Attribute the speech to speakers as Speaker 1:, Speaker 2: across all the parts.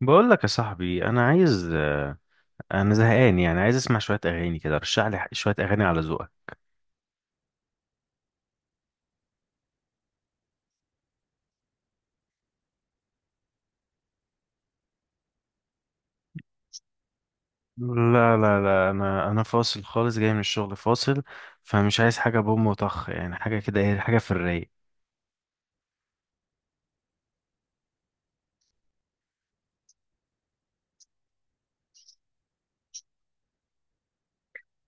Speaker 1: بقول لك يا صاحبي، انا عايز انا زهقان، يعني عايز اسمع شويه اغاني كده. رشح لي شويه اغاني على ذوقك. لا لا لا، انا فاصل خالص، جاي من الشغل فاصل، فمش عايز حاجه بوم وطخ يعني، حاجه كده ايه، حاجه في الرايق.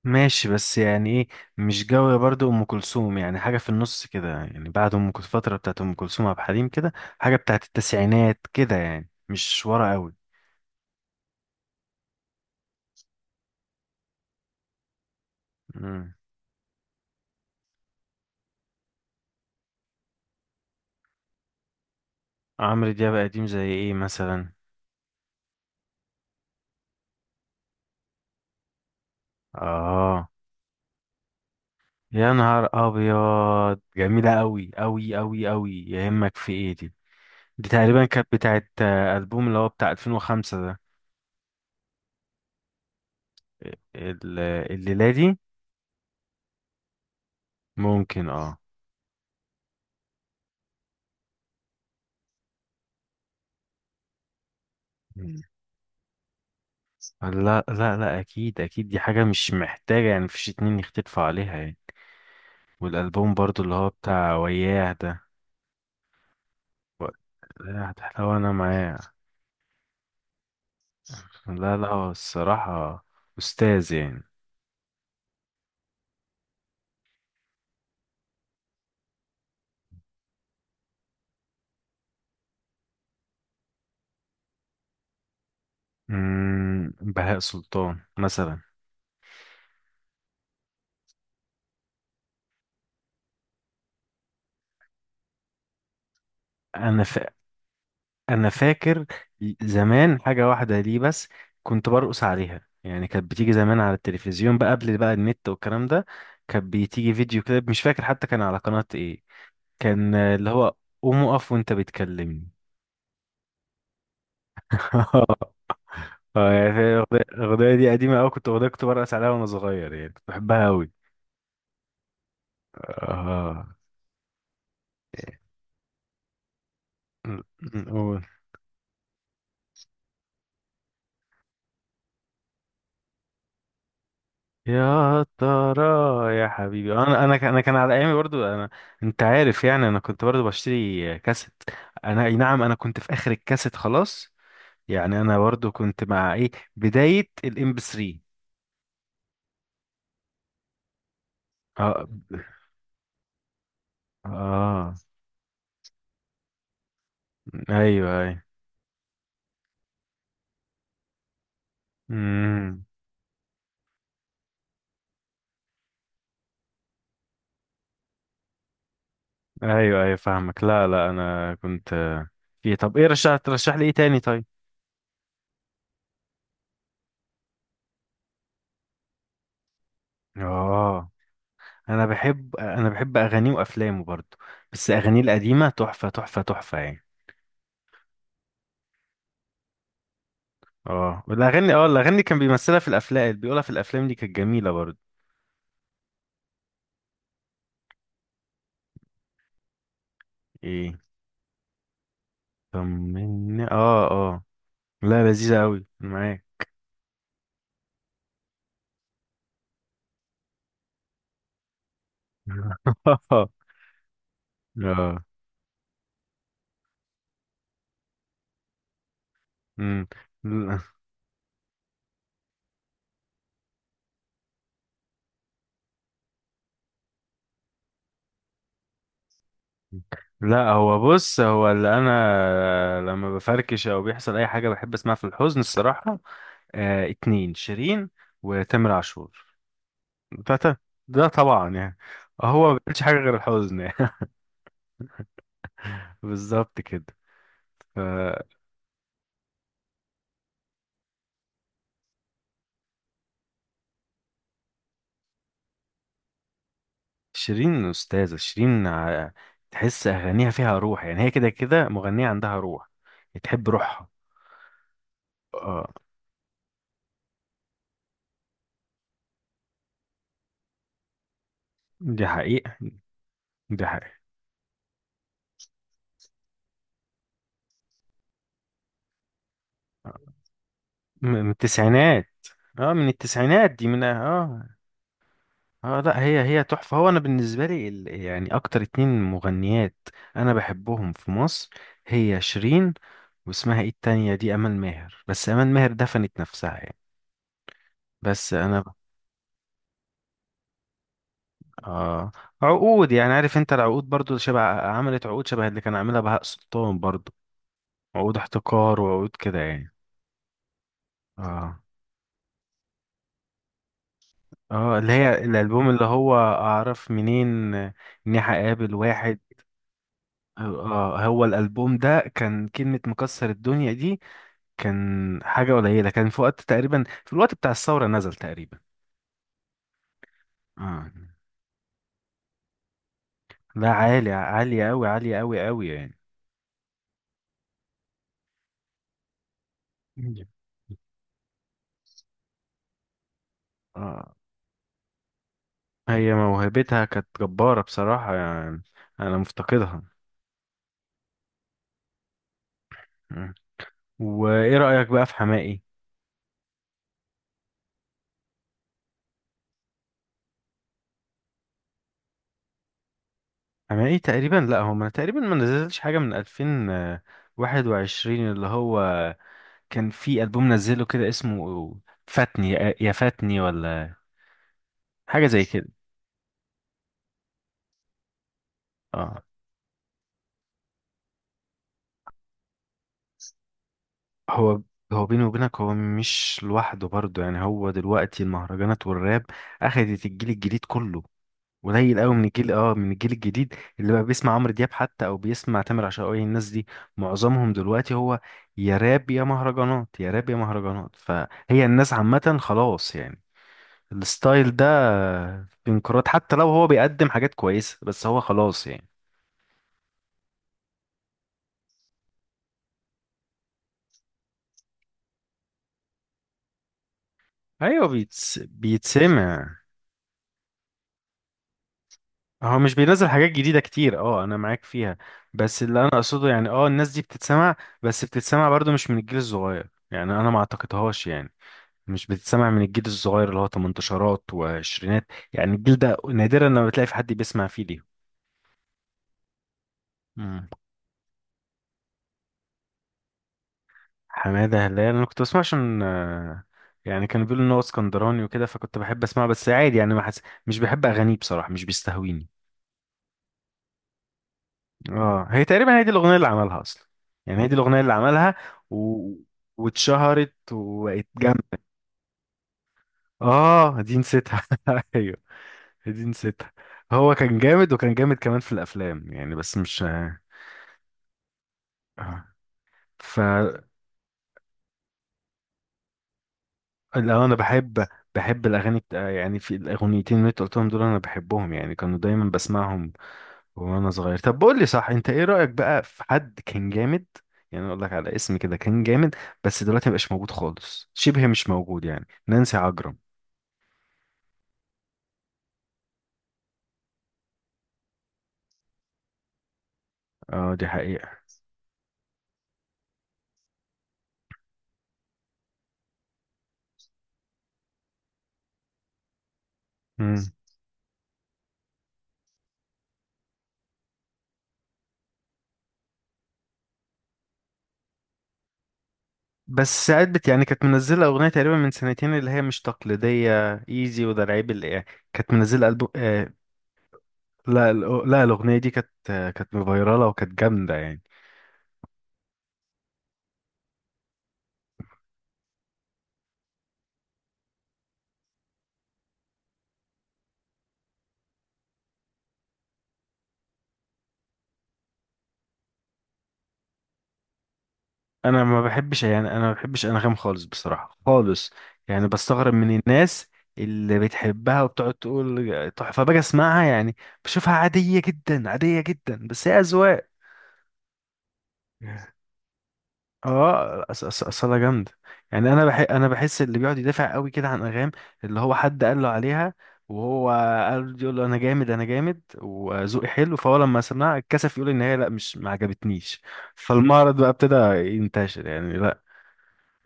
Speaker 1: ماشي، بس يعني ايه؟ مش جو برضو ام كلثوم، يعني حاجه في النص كده يعني، بعد ام كلثوم الفتره بتاعت ام كلثوم، عبد الحليم كده، حاجه بتاعت التسعينات كده، يعني مش ورا قوي. مم. عمرو دياب قديم زي ايه مثلا؟ اه، يا نهار ابيض، جميله قوي قوي قوي قوي، يهمك في ايه دي. دي تقريبا كانت بتاعت البوم اللي هو بتاع 2005 ده. ال- الليله دي، ممكن اه. مم. لا لا لا، اكيد اكيد، دي حاجه مش محتاجه يعني، مفيش اتنين يختلفوا عليها يعني. والالبوم برضو اللي هو بتاع وياه ده. و- لا، لو انا معاه، لا لا، هو الصراحه استاذ يعني. بهاء سلطان مثلا. انا ف... انا فاكر زمان حاجه واحده ليه بس، كنت برقص عليها يعني، كانت بتيجي زمان على التلفزيون بقى قبل بقى النت والكلام ده. كانت بتيجي فيديو كده، مش فاكر حتى كان على قناه ايه. كان اللي هو قوم اقف وانت بتكلمني. اه يعني الأغنية دي قديمة أوي، كنت أغنية، كنت برقص عليها وأنا صغير يعني، كنت بحبها أوي. اه، يا ترى يا حبيبي. انا كان على ايامي برضو انا. انت عارف يعني، انا كنت برضو بشتري كاسيت. انا اي نعم، انا كنت في اخر الكاسيت خلاص، يعني انا برضو كنت مع ايه، بداية الام بي 3. اه، اه، ايوه ايوه، امم، ايوه ايوه، فاهمك. لا لا انا كنت في. طب ايه، ترشح لي ايه تاني طيب؟ اه، انا بحب اغانيه وافلامه برضو، بس اغانيه القديمة تحفة تحفة تحفة يعني. اه، والاغاني، الاغاني كان بيمثلها في الافلام، بيقولها في الافلام، دي كانت جميله برضه. ايه؟ طمني، اه اه، لا، لذيذه قوي معاك. اه، امم، لا. لا، هو بص، هو اللي انا لما بفركش او بيحصل اي حاجه بحب اسمعها في الحزن الصراحه. آه، اتنين: شيرين وتامر عاشور. ده ده ده طبعا يعني، هو ما بيعملش حاجه غير الحزن يعني. بالظبط كده. ف- شيرين، أستاذة شيرين، تحس أغانيها فيها روح يعني، هي كده كده مغنية عندها روح، تحب روحها. اه، دي حقيقة، دي حقيقة. آه، من التسعينات. اه، من التسعينات دي، من اه. اه، لا، هي هي تحفة. هو أنا بالنسبة لي يعني أكتر اتنين مغنيات أنا بحبهم في مصر، هي شيرين، واسمها ايه التانية دي، أمال ماهر. بس أمال ماهر دفنت نفسها يعني. بس أنا اه عقود يعني، عارف انت، العقود برضو شبه، عملت عقود شبه اللي كان عاملها بهاء سلطان برضو، عقود احتكار وعقود كده يعني. اه، اه، اللي هي الالبوم اللي هو اعرف منين اني هقابل واحد. اه، هو الالبوم ده كان كلمة مكسر الدنيا دي، كان حاجة قليلة، كان في وقت تقريبا، في الوقت بتاع الثورة نزل تقريبا. اه، لا، عالي، عالية قوي، عالية قوي قوي يعني. مم. اه، هي موهبتها كانت جبارة بصراحة يعني، أنا مفتقدها. مم. وإيه رأيك بقى في حماقي؟ حماقي تقريبا لأ، هو ما تقريبا ما نزلش حاجة من 2021، اللي هو كان في ألبوم نزله كده اسمه فاتني، يا فاتني، ولا حاجة زي كده. اه، هو هو بيني وبينك، هو مش لوحده برضه يعني. هو دلوقتي المهرجانات والراب أخدت الجيل الجديد كله. قليل قوي من الجيل، من الجيل الجديد اللي بقى بيسمع عمرو دياب حتى او بيسمع تامر عاشور. الناس دي معظمهم دلوقتي هو يا راب يا مهرجانات، يا راب يا مهرجانات، فهي الناس عامة خلاص يعني، الستايل ده في انقراض. حتى لو هو بيقدم حاجات كويسة، بس هو خلاص يعني. ايوه، بيتسمع. هو مش بينزل حاجات جديدة كتير، اه انا معاك فيها، بس اللي انا اقصده يعني، اه الناس دي بتتسمع، بس بتتسمع برضو مش من الجيل الصغير يعني، انا ما اعتقدهاش يعني، مش بتتسمع من الجيل الصغير اللي هو تمنتاشرات وعشرينات، يعني الجيل ده نادرا لما بتلاقي في حد بيسمع فيه ليه. مم. حمادة هلال انا كنت بسمع عشان يعني كانوا بيقولوا ان هو اسكندراني وكده، فكنت بحب اسمعه بس عادي يعني. ما حس... مش بحب اغانيه بصراحة، مش بيستهويني. اه، هي تقريبا هي دي الاغنية اللي عملها اصلا يعني، هي دي الاغنية اللي عملها و... واتشهرت وبقت جامدة. اه، دي نسيتها ايوه، دي نسيتها. هو كان جامد، وكان جامد كمان في الافلام يعني، بس مش آه. فلو انا بحب الاغاني يعني في الاغنيتين اللي انت قلتهم دول انا بحبهم يعني، كانوا دايما بسمعهم وانا صغير. طب بقول لي صح، انت ايه رايك بقى في حد كان جامد، يعني اقول لك على اسم كده كان جامد بس دلوقتي مبقاش موجود خالص، شبه مش موجود يعني، نانسي عجرم. اه، دي حقيقه. مم. بس ساعات بت يعني، كانت منزله اغنيه تقريبا من سنتين اللي هي مش تقليديه ايزي، وده العيب اللي يعني، كانت منزله البوم لا لا، الاغنيه دي كانت، كانت فايراله وكانت جامده يعني، انا ما بحبش انغام خالص بصراحه خالص، يعني بستغرب من الناس اللي بتحبها وبتقعد تقول تحفه، باجي اسمعها يعني، بشوفها عاديه جدا، عاديه جدا، بس هي اذواق. اه، اصلها جامده يعني. انا انا بحس اللي بيقعد يدافع قوي كده عن انغام، اللي هو حد قال له عليها وهو قال، يقول له انا جامد انا جامد وذوقي حلو، فهو لما سمعها اتكسف يقول ان هي لا، مش ما عجبتنيش. فالمعرض بقى ابتدى ينتشر يعني. لا،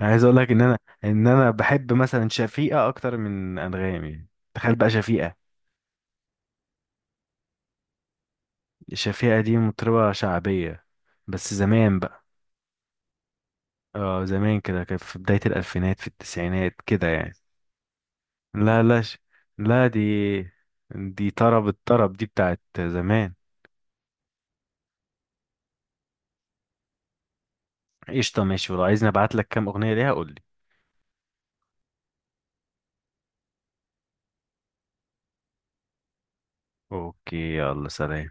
Speaker 1: انا عايز اقول لك ان انا بحب مثلا شفيقة اكتر من انغام يعني. تخيل بقى شفيقة. شفيقة دي مطربة شعبية بس زمان بقى. اه، زمان كده، كان في بداية الالفينات، في التسعينات كده يعني. لا لا لا دي طرب، الطرب دي بتاعت زمان. قشطة، ماشي، ولو عايزني ابعت لك كام اغنية ليها قول لي. اوكي، يلا سلام.